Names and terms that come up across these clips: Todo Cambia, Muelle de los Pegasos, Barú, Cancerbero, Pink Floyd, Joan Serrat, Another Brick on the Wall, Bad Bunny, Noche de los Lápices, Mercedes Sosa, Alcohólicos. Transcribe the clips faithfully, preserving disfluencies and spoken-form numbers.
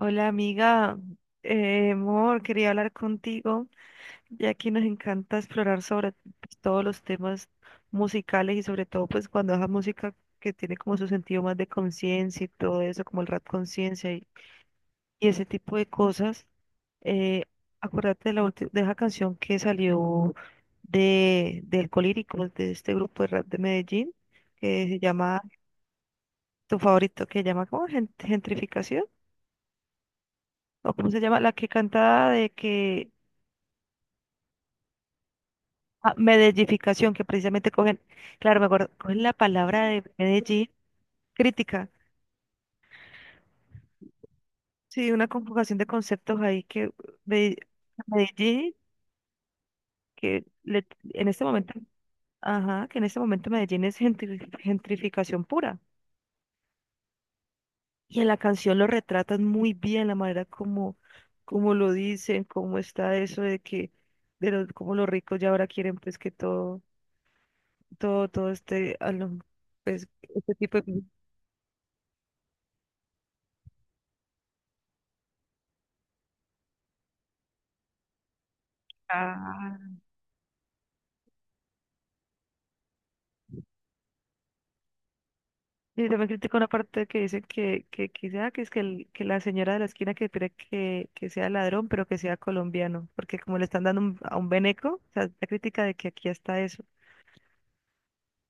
Hola amiga, eh, amor, quería hablar contigo, ya que nos encanta explorar sobre pues, todos los temas musicales y sobre todo pues cuando es la música que tiene como su sentido más de conciencia y todo eso, como el rap conciencia y, y ese tipo de cosas. Eh, Acuérdate de la ulti- de esa canción que salió de, del colírico de este grupo de rap de Medellín, que se llama, tu favorito, que se llama como Gen- gentrificación, o cómo se llama, la que canta de que Ah, medellificación, que precisamente cogen, claro, me acuerdo, cogen la palabra de Medellín, crítica. Sí, una conjugación de conceptos ahí que Mede- Medellín, que le- en este momento, ajá, que en este momento Medellín es gentri- gentrificación pura. Y en la canción lo retratan muy bien, la manera como, como lo dicen, cómo está eso de que, de los, cómo los ricos ya ahora quieren pues que todo, todo, todo este, a lo- pues, este tipo de... Y también critico una parte que dice que, que, que, sea- que es que, el- que la señora de la esquina que espera que, que sea ladrón, pero que sea colombiano, porque como le están dando un- a un beneco, o sea, la crítica de que aquí está eso.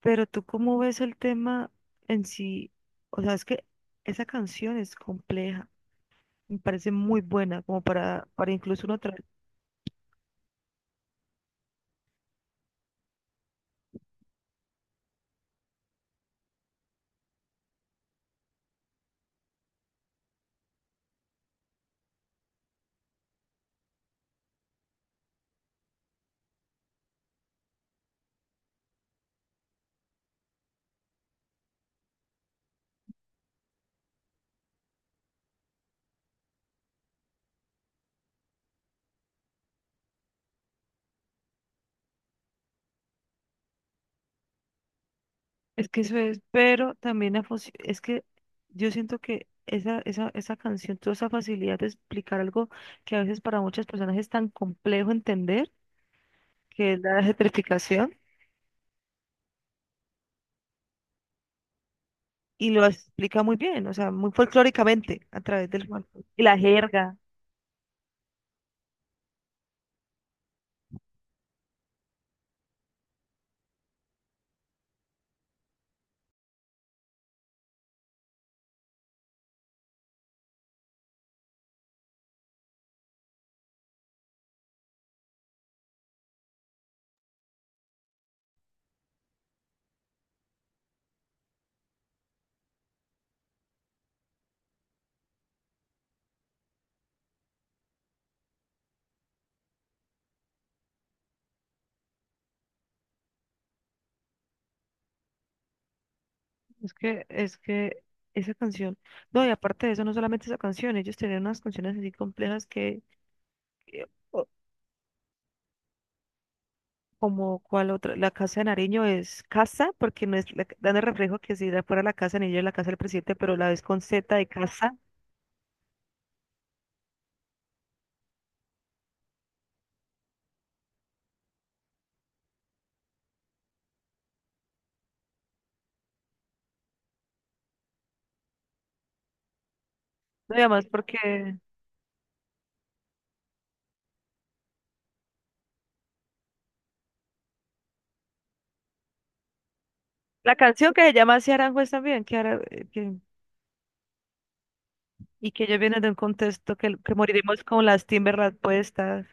Pero tú cómo ves el tema en sí, o sea, es que esa canción es compleja, me parece muy buena, como para, para incluso uno. Es que eso es, pero también la fos- es que yo siento que esa, esa, esa canción, toda esa facilidad de explicar algo que a veces para muchas personas es tan complejo entender, que es la gentrificación, y lo explica muy bien, o sea, muy folclóricamente a través del folclore. Y la jerga. Es que, es que esa canción, no, y aparte de eso, no solamente esa canción, ellos tenían unas canciones así complejas que, como cuál otra, la Casa de Nariño es casa, porque no es, la- dan el reflejo que si fuera la Casa de Nariño es la Casa del Presidente, pero la ves con Z de casa, no, y además porque la canción que se llama Así Aranjuez también, que, ahora, eh, que- y que ellos vienen de un contexto que, que moriremos con las Timberland puestas,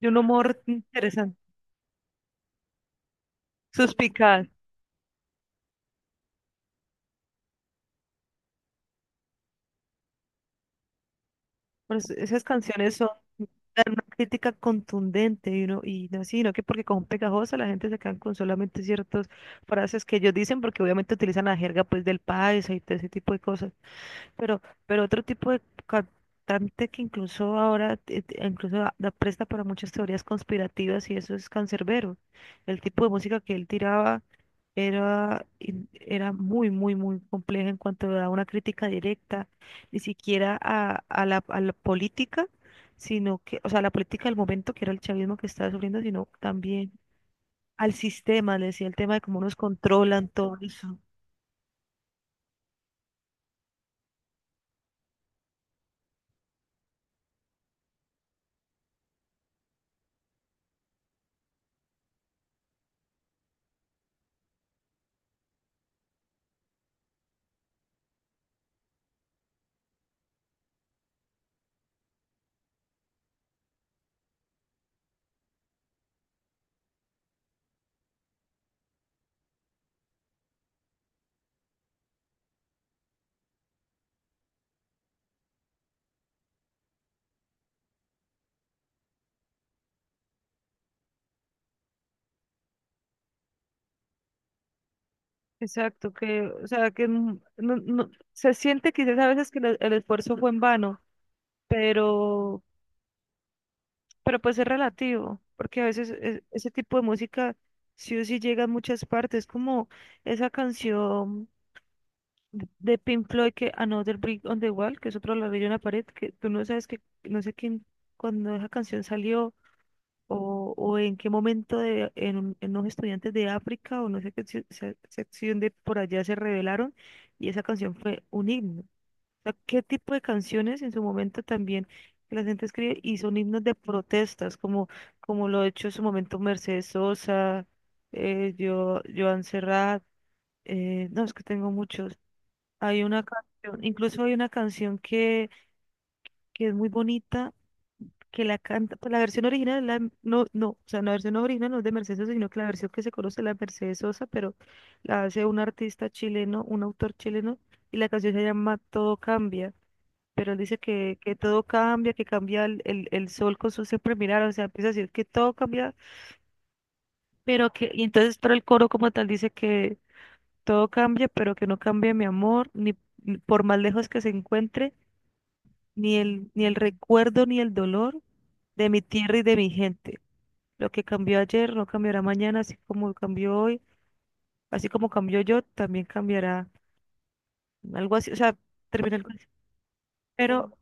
de un humor interesante, suspicaz. Por eso esas canciones son, dan una crítica contundente y uno, y no sino que porque con pegajosa la gente se queda con solamente ciertas frases que ellos dicen porque obviamente utilizan la jerga pues del país y todo ese tipo de cosas. Pero, pero otro tipo de cantante que incluso ahora te- te- incluso da- da presta para muchas teorías conspirativas y eso es Cancerbero. El tipo de música que él tiraba era, in- era muy, muy, muy compleja en cuanto a una crítica directa, ni siquiera a, a la, a la política, sino que, o sea, la política del momento, que era el chavismo que estaba sufriendo, sino también al sistema, le decía el tema de cómo nos controlan todo eso. Exacto, que, o sea, que n- no, no- se siente quizás a veces que lo- el esfuerzo fue en vano, pero, pero pues es relativo, porque a veces e- ese tipo de música sí o sí llega a muchas partes, como esa canción de de Pink Floyd que Another Brick on the Wall, que es otro ladrillo en la pared, que tú no sabes que, no sé quién, cuando esa canción salió o, o en qué momento de, en, un- en los estudiantes de África o no sé qué se- se- sección de por allá se revelaron y esa canción fue un himno. O sea, ¿qué tipo de canciones en su momento también que la gente escribe y son himnos de protestas, como, como lo ha hecho en su momento Mercedes Sosa, eh, yo, Joan Serrat, eh, no, es que tengo muchos. Hay una canción, incluso hay una canción que, que es muy bonita que la canta, pues la versión original, la, no, no, o sea, la versión original no es de Mercedes Sosa, sino que la versión que se conoce es la de Mercedes Sosa, pero la hace un artista chileno, un autor chileno, y la canción se llama Todo Cambia, pero él dice que, que todo cambia, que cambia el, el, el sol con su siempre mirar, o sea, empieza a decir que todo cambia, pero que, y entonces, pero el coro como tal dice que todo cambia, pero que no cambia mi amor, ni ni por más lejos que se encuentre, ni el, ni el recuerdo, ni el dolor de mi tierra y de mi gente. Lo que cambió ayer no cambiará mañana, así como cambió hoy, así como cambió yo, también cambiará algo así, o sea, termina el cuento. Pero,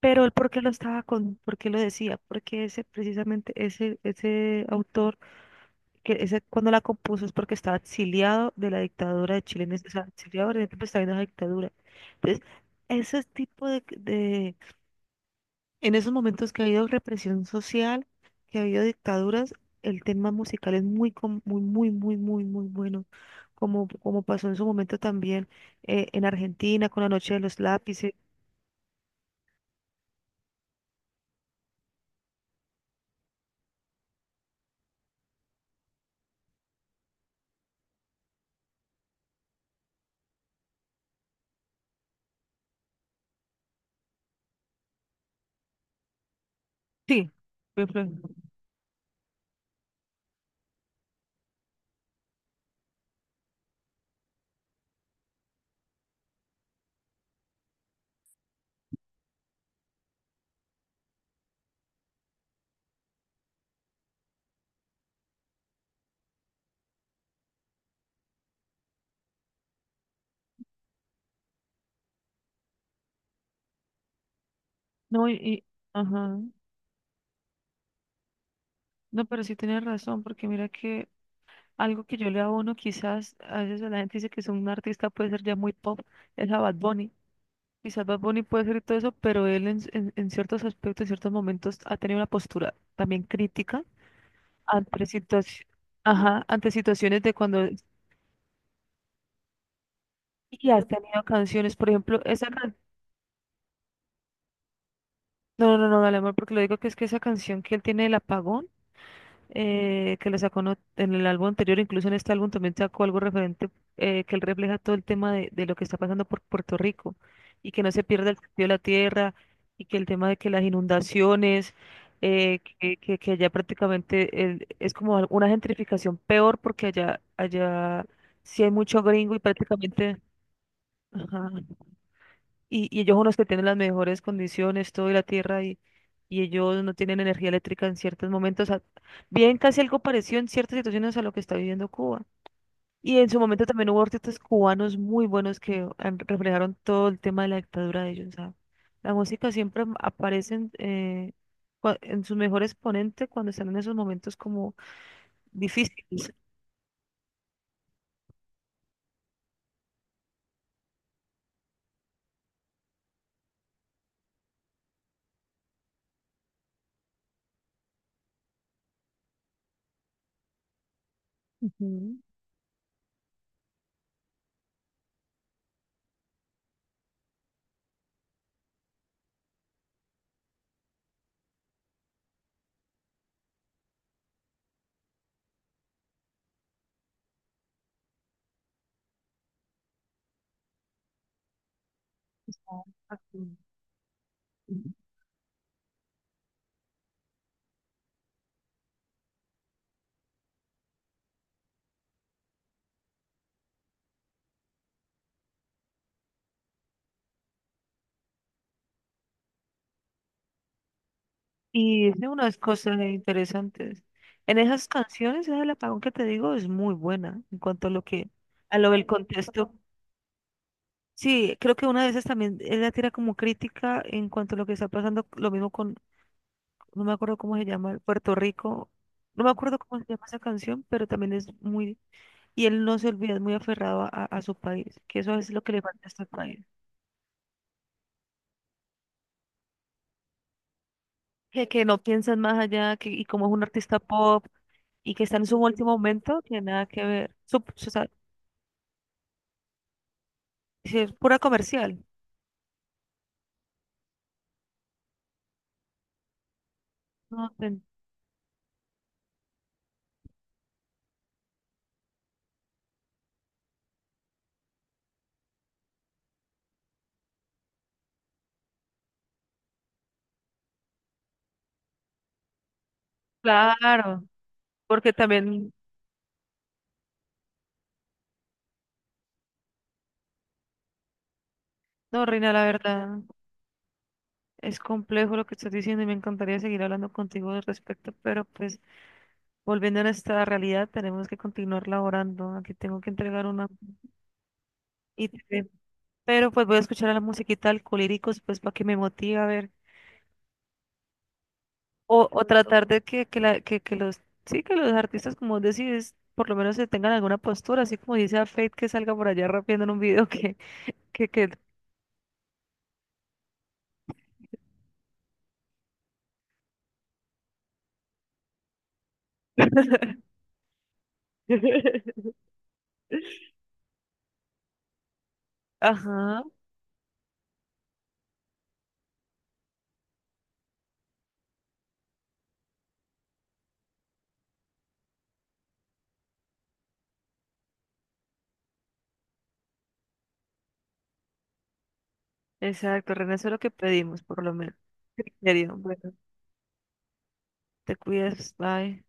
pero el por qué lo estaba con, por qué lo decía, porque ese, precisamente ese, ese autor, que ese, cuando la compuso es porque estaba exiliado de la dictadura de Chile, en ese- o sea, exiliado en el tiempo estaba viendo la dictadura. Entonces, ese tipo de, en esos momentos que ha habido represión social, que ha habido dictaduras, el tema musical es muy, com- muy, muy, muy, muy, muy bueno. Como, como pasó en su momento también eh, en Argentina con la Noche de los Lápices. Sí, Pink Floyd. No, y, y- ajá. No, pero sí tienes razón, porque mira que algo que yo le abono, quizás a veces la gente dice que es un artista, puede ser ya muy pop, es a Bad Bunny. Quizás Bad Bunny puede ser y todo eso, pero él en, en en ciertos aspectos, en ciertos momentos ha tenido una postura también crítica ante situaci- ajá, ante situaciones de cuando y has tenido canciones, por ejemplo, esa can- no, no, no, no, dale amor, porque lo digo que es que esa canción que él tiene del apagón, eh, que lo sacó en ot- en el álbum anterior, incluso en este álbum también sacó algo referente, eh, que él refleja todo el tema de, de lo que está pasando por Puerto Rico y que no se pierda el sentido de la tierra y que el tema de que las inundaciones, eh, que, que, que allá prácticamente el- es como al- una gentrificación peor porque allá, allá sí hay mucho gringo y prácticamente... Ajá, y, y ellos son los que tienen las mejores condiciones, todo y la tierra, y, y ellos no tienen energía eléctrica en ciertos momentos. A- bien casi algo parecido en ciertas situaciones a lo que está viviendo Cuba. Y en su momento también hubo artistas cubanos muy buenos que han- reflejaron todo el tema de la dictadura de ellos. ¿Sabes? La música siempre am- aparece en, eh, cua- en su mejor exponente cuando están en esos momentos como difíciles. Ujú, exacto. Y es de unas cosas interesantes. En esas canciones, esa del apagón que te digo es muy buena en cuanto a lo que, a lo del contexto. Sí, creo que una de esas también, ella tira como crítica en cuanto a lo que está pasando, lo mismo con, no me acuerdo cómo se llama, Puerto Rico, no me acuerdo cómo se llama esa canción, pero también es muy, y él no se olvida, es muy aferrado a, a- a su país, que eso es lo que le falta a este país, que, que no piensan más allá, que, y como es un artista pop, y que está en su último momento, que nada que ver. Su- sí, es pura comercial. No, ten- claro, porque también, no, Reina, la verdad, es complejo lo que estás diciendo y me encantaría seguir hablando contigo al respecto, pero pues volviendo a nuestra realidad, tenemos que continuar laborando. Aquí tengo que entregar una I T V, pero pues voy a escuchar a la musiquita Alcolíricos, pues para que me motive a ver, o, o tratar de que, que, la, que, que los, sí, que los artistas, como vos decís, por lo menos se tengan alguna postura, así como dice a Fate que salga por allá rapeando en un video que, que, que ajá, exacto, René, eso es lo que pedimos, por lo menos. En serio, bueno, te cuidas, bye.